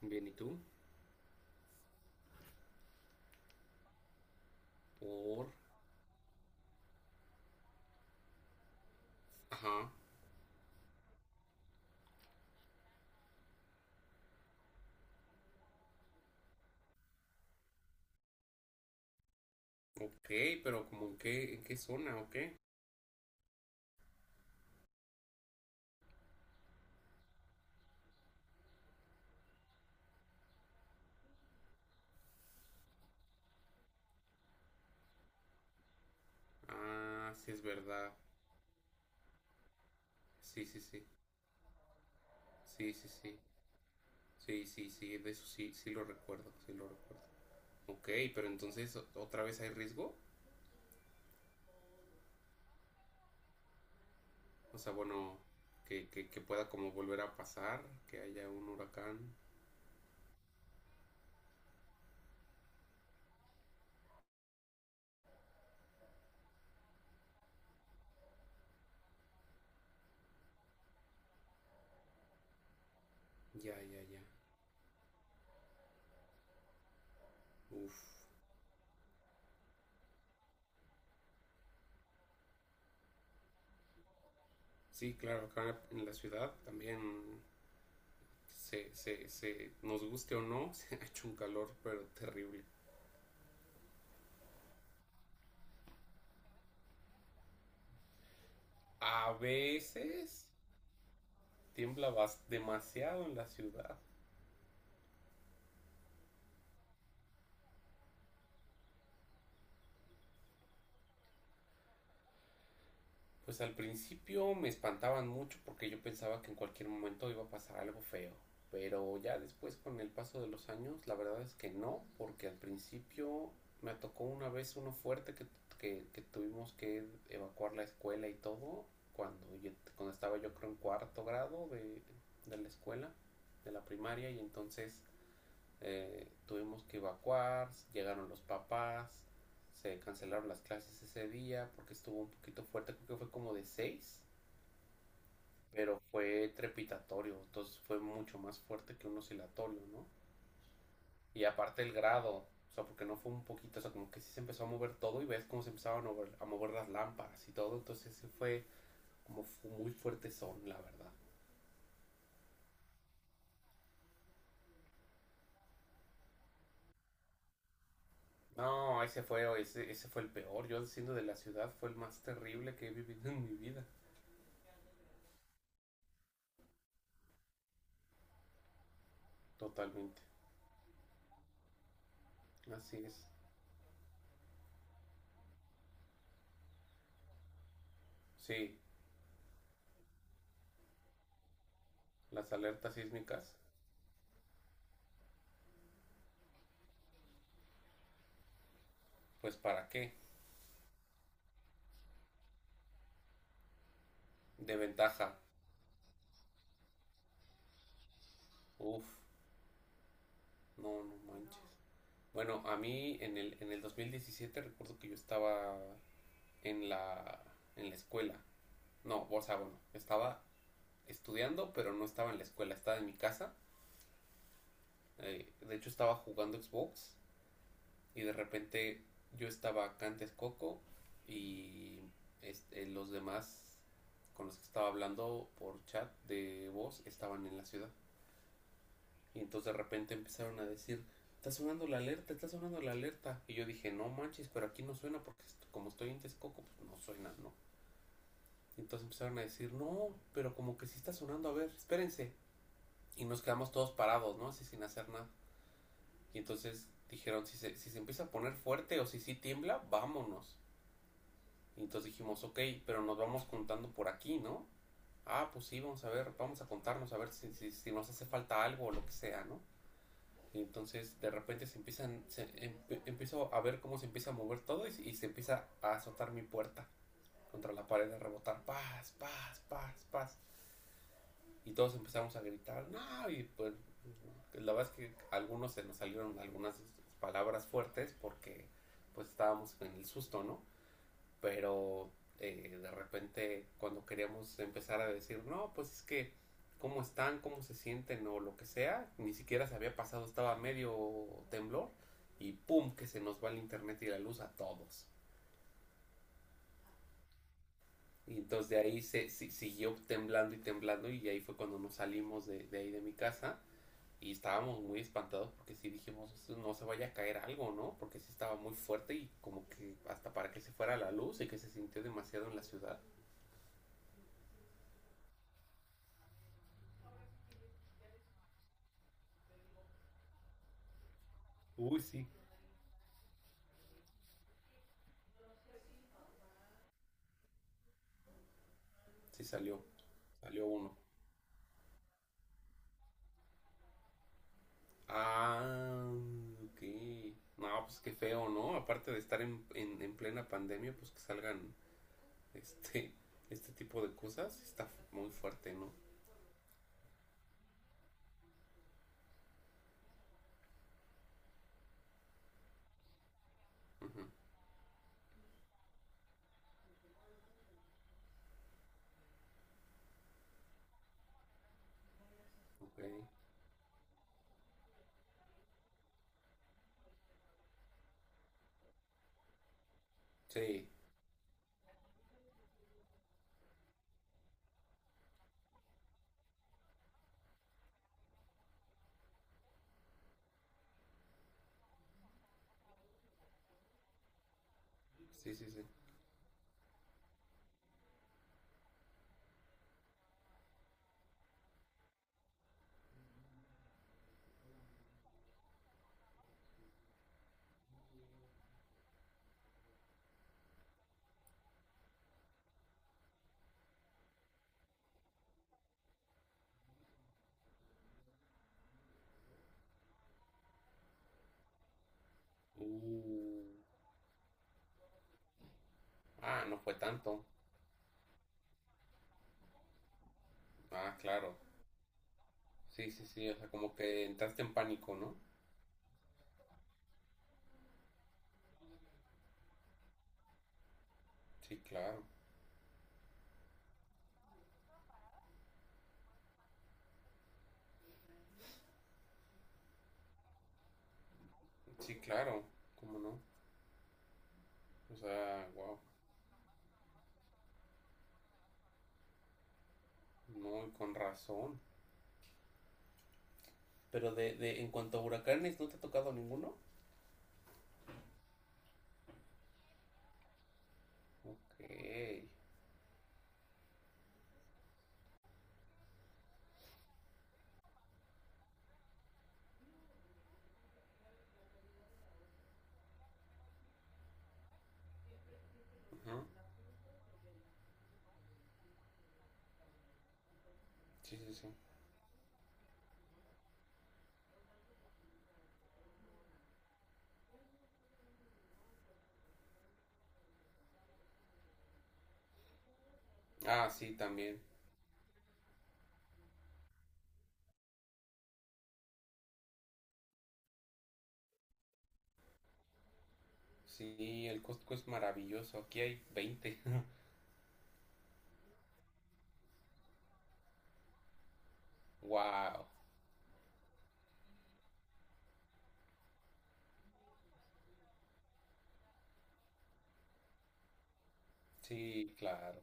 Bien, ¿y tú? Por. Ajá. Ok, pero como en qué zona o qué? Ah, sí es verdad. Sí, sí, sí. Sí, sí, sí. Sí, sí, sí. De eso sí, sí lo recuerdo, sí lo recuerdo. Ok, pero entonces otra vez hay riesgo. O sea, bueno, que pueda como volver a pasar, que haya un huracán. Ya, ya, ya. Uf. Sí, claro, acá en la ciudad también nos guste o no, se ha hecho un calor, pero terrible. A veces tiembla demasiado en la ciudad. Pues al principio me espantaban mucho porque yo pensaba que en cualquier momento iba a pasar algo feo. Pero ya después con el paso de los años, la verdad es que no, porque al principio me tocó una vez uno fuerte que, que tuvimos que evacuar la escuela y todo, cuando, cuando estaba yo creo en cuarto grado de la escuela, de la primaria, y entonces tuvimos que evacuar, llegaron los papás, se cancelaron las clases ese día porque estuvo un poquito fuerte, creo que fue como de seis, pero fue trepidatorio, entonces fue mucho más fuerte que un oscilatorio, ¿no? Y aparte el grado, o sea, porque no fue un poquito, o sea, como que sí se empezó a mover todo y ves cómo se empezaban a mover las lámparas y todo, entonces sí fue como muy fuerte son, la verdad. No, ese fue, ese fue el peor. Yo siendo de la ciudad fue el más terrible que he vivido en mi vida. Totalmente. Así es. Sí, las alertas sísmicas, pues para qué, de ventaja. Uf, no, no manches. Bueno, a mí en el 2017 recuerdo que yo estaba en la, en la escuela. No, o sea, bueno, estaba estudiando, pero no estaba en la escuela, estaba en mi casa. De hecho, estaba jugando Xbox y de repente yo estaba acá en Texcoco y este, los demás con los que estaba hablando por chat de voz estaban en la ciudad. Y entonces de repente empezaron a decir, está sonando la alerta, está sonando la alerta. Y yo dije, no manches, pero aquí no suena porque como estoy en Texcoco, pues no suena, ¿no? Y entonces empezaron a decir, no, pero como que sí está sonando, a ver, espérense. Y nos quedamos todos parados, ¿no? Así sin hacer nada. Y entonces dijeron, si se empieza a poner fuerte o si sí tiembla, vámonos. Y entonces dijimos, ok, pero nos vamos contando por aquí, ¿no? Ah, pues sí, vamos a ver, vamos a contarnos, a ver si nos hace falta algo o lo que sea, ¿no? Y entonces de repente se empiezan, empiezo a ver cómo se empieza a mover todo y, se empieza a azotar mi puerta contra la pared, a rebotar, paz, paz, paz, paz. Y todos empezamos a gritar, no, y pues la verdad es que a algunos se nos salieron algunas palabras fuertes porque pues estábamos en el susto, ¿no? Pero de repente cuando queríamos empezar a decir, no, pues es que cómo están, cómo se sienten o lo que sea, ni siquiera se había pasado, estaba medio temblor y pum, que se nos va el internet y la luz a todos. Y entonces de ahí se, siguió temblando y temblando y ahí fue cuando nos salimos de ahí de mi casa y estábamos muy espantados porque sí dijimos, no se vaya a caer algo, ¿no? Porque sí estaba muy fuerte y como que hasta para que se fuera la luz y que se sintió demasiado en la ciudad. Uy, sí. Sí salió, salió uno. Ah, ok. No, pues qué feo, ¿no? Aparte de estar en plena pandemia, pues que salgan este, este tipo de cosas, está muy fuerte, ¿no? Ujú. Ok. Sí, sí, sí, sí. Uh, ah, no fue tanto. Ah, claro. Sí, sí, sí, o sea, como que entraste en pánico, ¿no? Sí, claro. Sí, claro. ¿Cómo no? O sea, wow. No, y con razón. Pero de en cuanto a huracanes, ¿no te ha tocado ninguno? Ok. Ajá. Sí, sí, sí. Ah, sí, también. Sí, el Costco es maravilloso. Aquí hay 20. Wow. Sí, claro.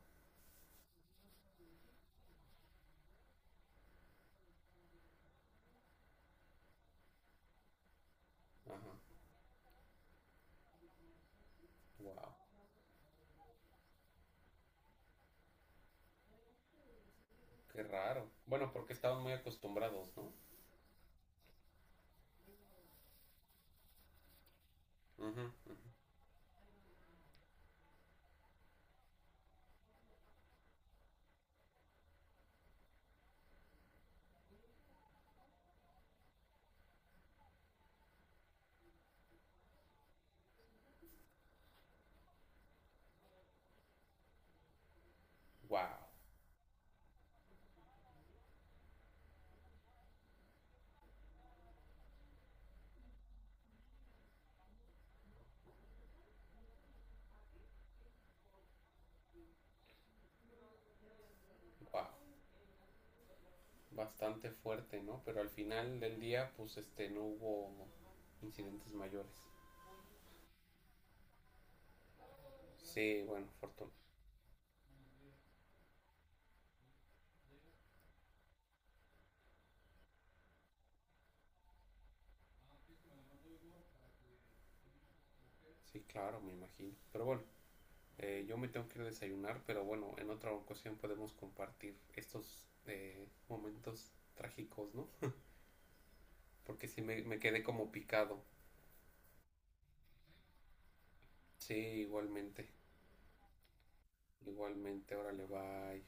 Ajá. Wow. Qué raro. Bueno, porque estaban muy acostumbrados, ¿no? Ujú, ujú. Wow. Wow. Bastante fuerte, ¿no? Pero al final del día, pues este, no hubo incidentes mayores. Sí, bueno, fortuna. Sí, claro, me imagino. Pero bueno, yo me tengo que ir a desayunar, pero bueno, en otra ocasión podemos compartir estos momentos trágicos, ¿no? Porque sí me quedé como picado. Sí, igualmente. Igualmente, órale, bye.